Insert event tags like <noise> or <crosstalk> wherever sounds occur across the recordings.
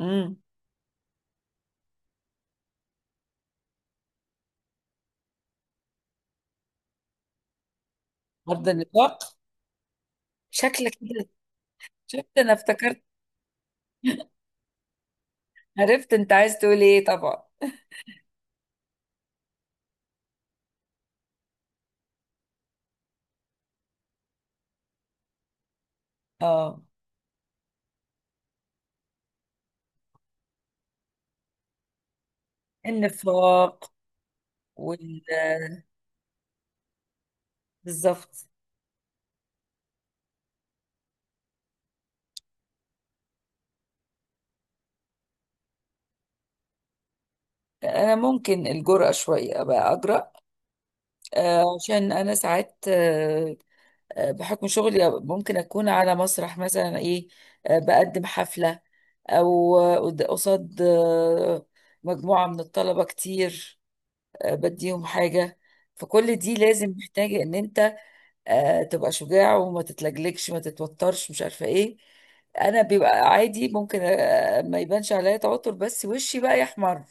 امم عرض النطاق. شكلك كده. شفت، انا افتكرت. عرفت انت عايز تقول ايه طبعا. اه، النفاق وال بالظبط. انا ممكن الجرأة شوية ابقى اجرأ، عشان انا ساعات، بحكم شغلي ممكن اكون على مسرح مثلا، ايه، بقدم حفلة او آه، قد- قصاد آه، مجموعة من الطلبة كتير، بديهم حاجة. فكل دي لازم محتاجة ان انت تبقى شجاع وما تتلجلجش، ما تتوترش، مش عارفه ايه. انا بيبقى عادي، ممكن ما يبانش عليا توتر، بس وشي بقى يحمر.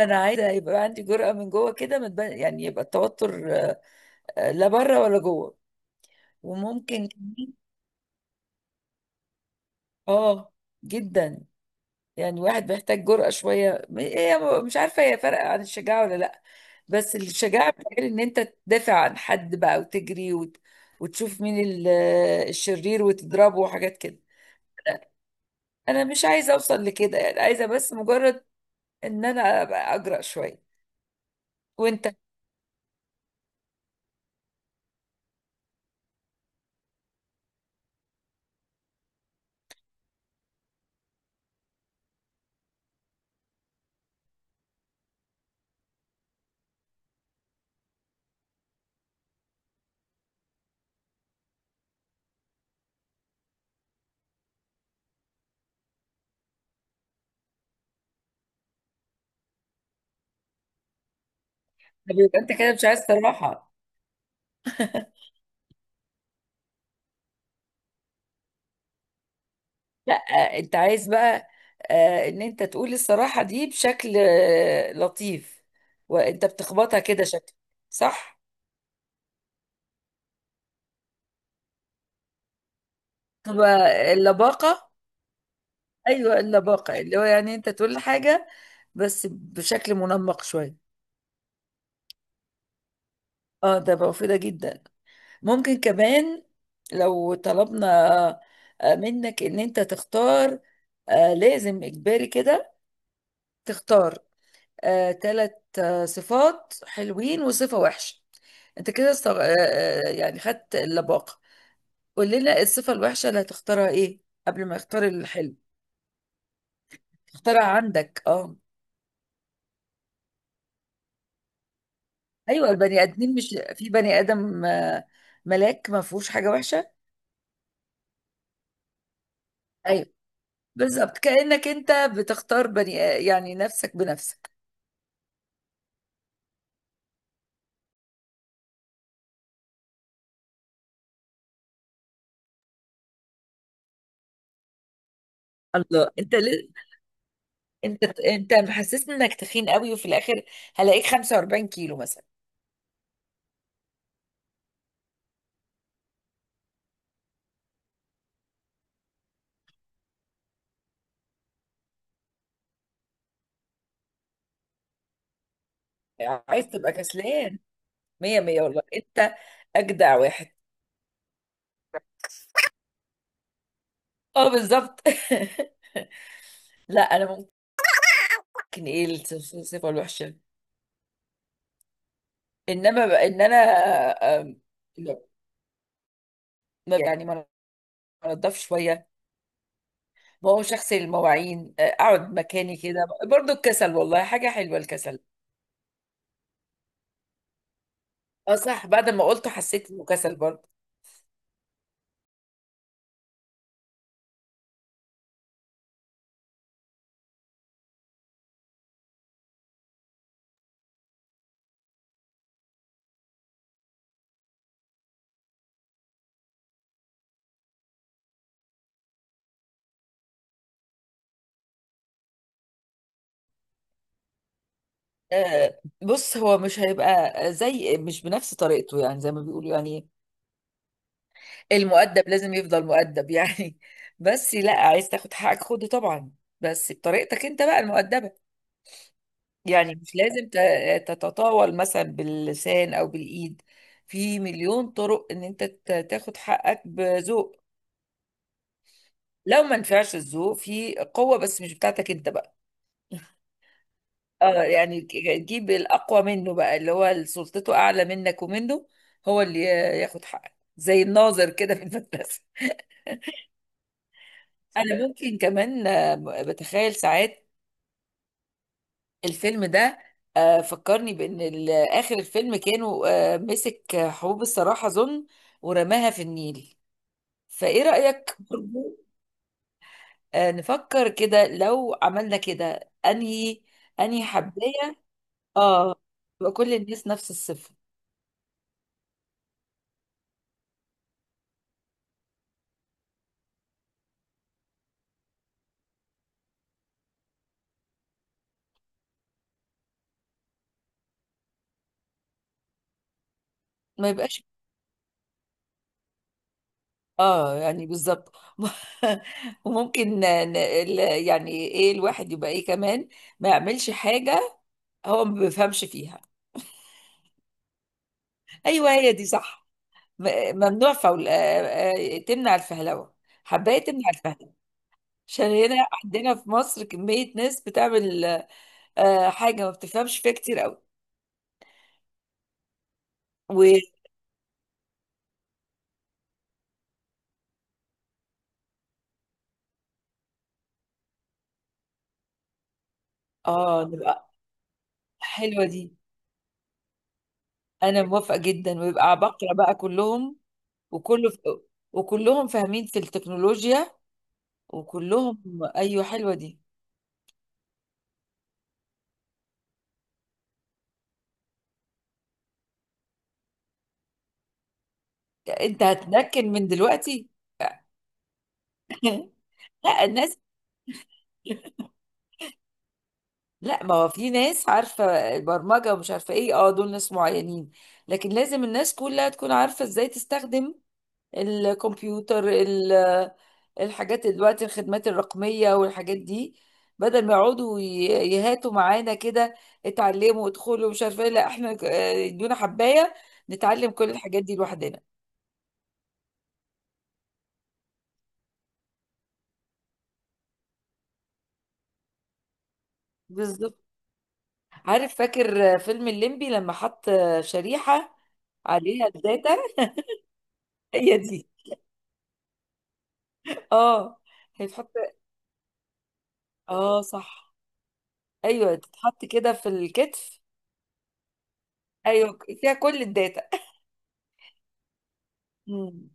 انا عايزه يبقى عندي جرأة من جوه كده، ما تبان، يعني يبقى التوتر لا بره ولا جوه. وممكن كمان- اه جدا. يعني واحد محتاج جرأة شويه. مش عارفه هي فرق عن الشجاعه ولا لا، بس الشجاعه بتقول ان انت تدافع عن حد بقى وتجري وتشوف مين الشرير وتضربه وحاجات كده. انا مش عايزه اوصل لكده، يعني عايزه بس مجرد ان انا ابقى اجرأ شويه. وانت؟ طب يبقى انت كده مش عايز صراحه؟ لا، انت عايز بقى ان انت تقول الصراحه دي بشكل لطيف، وانت بتخبطها كده شكل. صح، تبقى اللباقه. ايوه، اللباقه، اللي هو يعني انت تقول حاجه بس بشكل منمق شويه. اه، ده بقى مفيده جدا. ممكن كمان لو طلبنا منك ان انت تختار، لازم اجباري كده، تختار ثلاث صفات حلوين وصفة وحشة. انت كده استغ... آه، آه، يعني خدت اللباقة. قول لنا الصفة الوحشة اللي هتختارها ايه قبل ما يختار الحلو. اختارها عندك، اه. ايوه، البني ادمين مش في بني ادم ملاك ما فيهوش حاجة وحشة. ايوه بالظبط، كأنك انت بتختار بني، يعني نفسك بنفسك. الله، انت، محسسني انك تخين قوي، وفي الاخر هلاقيك 45 كيلو مثلا. عايز تبقى كسلان؟ مية مية، والله انت اجدع واحد. اه بالظبط. <laughs> لا انا ممكن ايه الصفة الوحشة انما بقى، ان انا، آم، لا، يعني ما، انضف شوية. ما هو شخص المواعين، اقعد مكاني كده، برضو الكسل. والله حاجة حلوة الكسل. اه صح، بعد ما قلته حسيت انه كسل برضو. بص، هو مش هيبقى زي، مش بنفس طريقته، يعني زي ما بيقولوا، يعني المؤدب لازم يفضل مؤدب يعني. <laughs> بس لا، عايز تاخد حقك خده طبعا، بس بطريقتك انت بقى المؤدبة. يعني مش لازم تتطاول مثلا باللسان او بالايد. في مليون طرق ان انت تاخد حقك بذوق. لو ما نفعش الذوق، في قوة بس مش بتاعتك انت بقى. اه يعني، جيب الأقوى منه بقى، اللي هو سلطته أعلى منك ومنه، هو اللي ياخد حقك، زي الناظر كده في المدرسة. أنا ممكن كمان بتخيل ساعات الفيلم ده فكرني بأن آخر الفيلم كانوا مسك حبوب الصراحة ظن ورماها في النيل. فإيه رأيك برضو نفكر كده لو عملنا كده، أنهي حباية؟ اه، تبقى كل الناس نفس الصفر. ما يبقاش. اه يعني بالظبط. <laughs> وممكن ن- ال- يعني ايه الواحد يبقى ايه كمان؟ ما يعملش حاجة هو ما بيفهمش فيها. ايوه هي دي، صح. ممنوع، فول تمنع الفهلوة، حباية تمنع الفهلوة. عشان هنا عندنا في مصر كمية ناس بتعمل حاجة ما بتفهمش فيها كتير قوي. و اه، نبقى حلوة دي. انا موافقة جدا، ويبقى عباقرة بقى كلهم، وكله، وكلهم فاهمين في التكنولوجيا، وكلهم. ايوه حلوه دي. انت هتنكن من دلوقتي. <laughs> لا الناس، لا، ما هو في ناس عارفه البرمجه ومش عارفه ايه، اه دول ناس معينين، لكن لازم الناس كلها تكون عارفه ازاي تستخدم الكمبيوتر، الحاجات دلوقتي، الخدمات الرقميه والحاجات دي. بدل ما يقعدوا يهاتوا معانا كده، اتعلموا ادخلوا مش عارفه ايه، لا احنا يدونا حبايه نتعلم كل الحاجات دي لوحدنا. بالظبط. عارف فاكر فيلم الليمبي لما حط شريحة عليها الداتا؟ <laughs> هي دي. اه، هي تحط. اه صح. ايوه تتحط كده في الكتف. ايوه فيها كل الداتا. مم.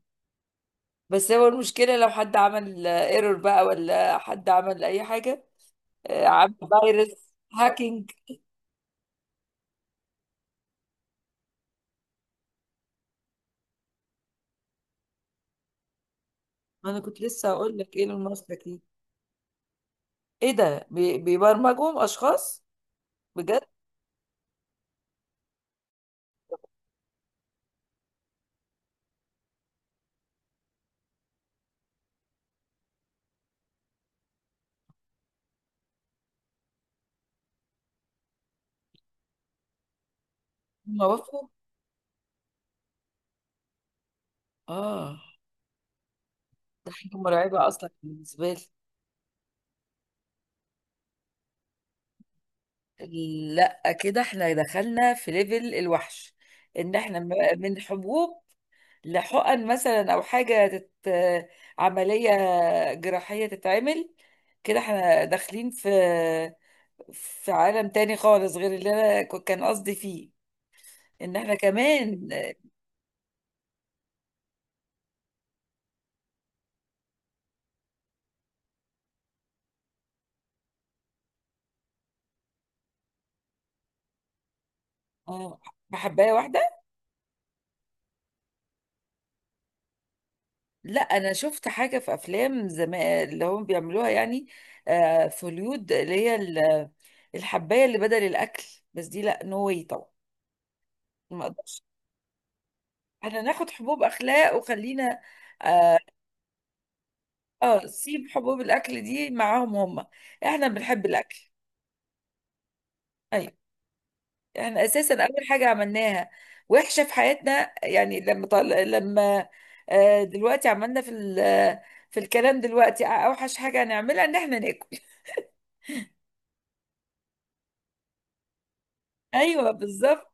بس هو المشكلة لو حد عمل ايرور بقى، ولا حد عمل اي حاجة عمل فيروس، هاكينج. انا كنت لسه هقول لك ايلون ماسك دي. ايه ده، بيبرمجهم اشخاص؟ بجد؟ هم وافقوا؟ اه، حاجة مرعبة اصلا بالنسبة لي. لا كده احنا دخلنا في ليفل الوحش، ان احنا من حبوب لحقن مثلا، او حاجة تت... عملية جراحية تتعمل. كده احنا داخلين في في عالم تاني خالص غير اللي انا كان قصدي فيه، ان احنا كمان. اه، بحباية واحدة. لا انا شفت حاجة في افلام زمان اللي هم بيعملوها يعني في هوليود، اللي هي الحباية اللي بدل الاكل. بس دي لا، نو واي طبعا، ما اقدرش. احنا ناخد حبوب اخلاق وخلينا. اه. سيب حبوب الاكل دي معاهم هم، احنا بنحب الاكل. ايوه، احنا اساسا اول حاجه عملناها وحشه في حياتنا يعني لما آه، دلوقتي عملنا في في الكلام دلوقتي، اوحش حاجه هنعملها ان احنا ناكل. <laughs> ايوه بالظبط.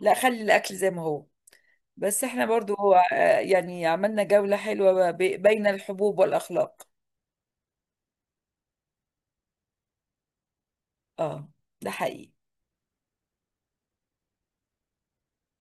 لا خلي الاكل زي ما هو، بس احنا برضو آه يعني عملنا جوله حلوه بين الحبوب والاخلاق. اه، ده حقيقي.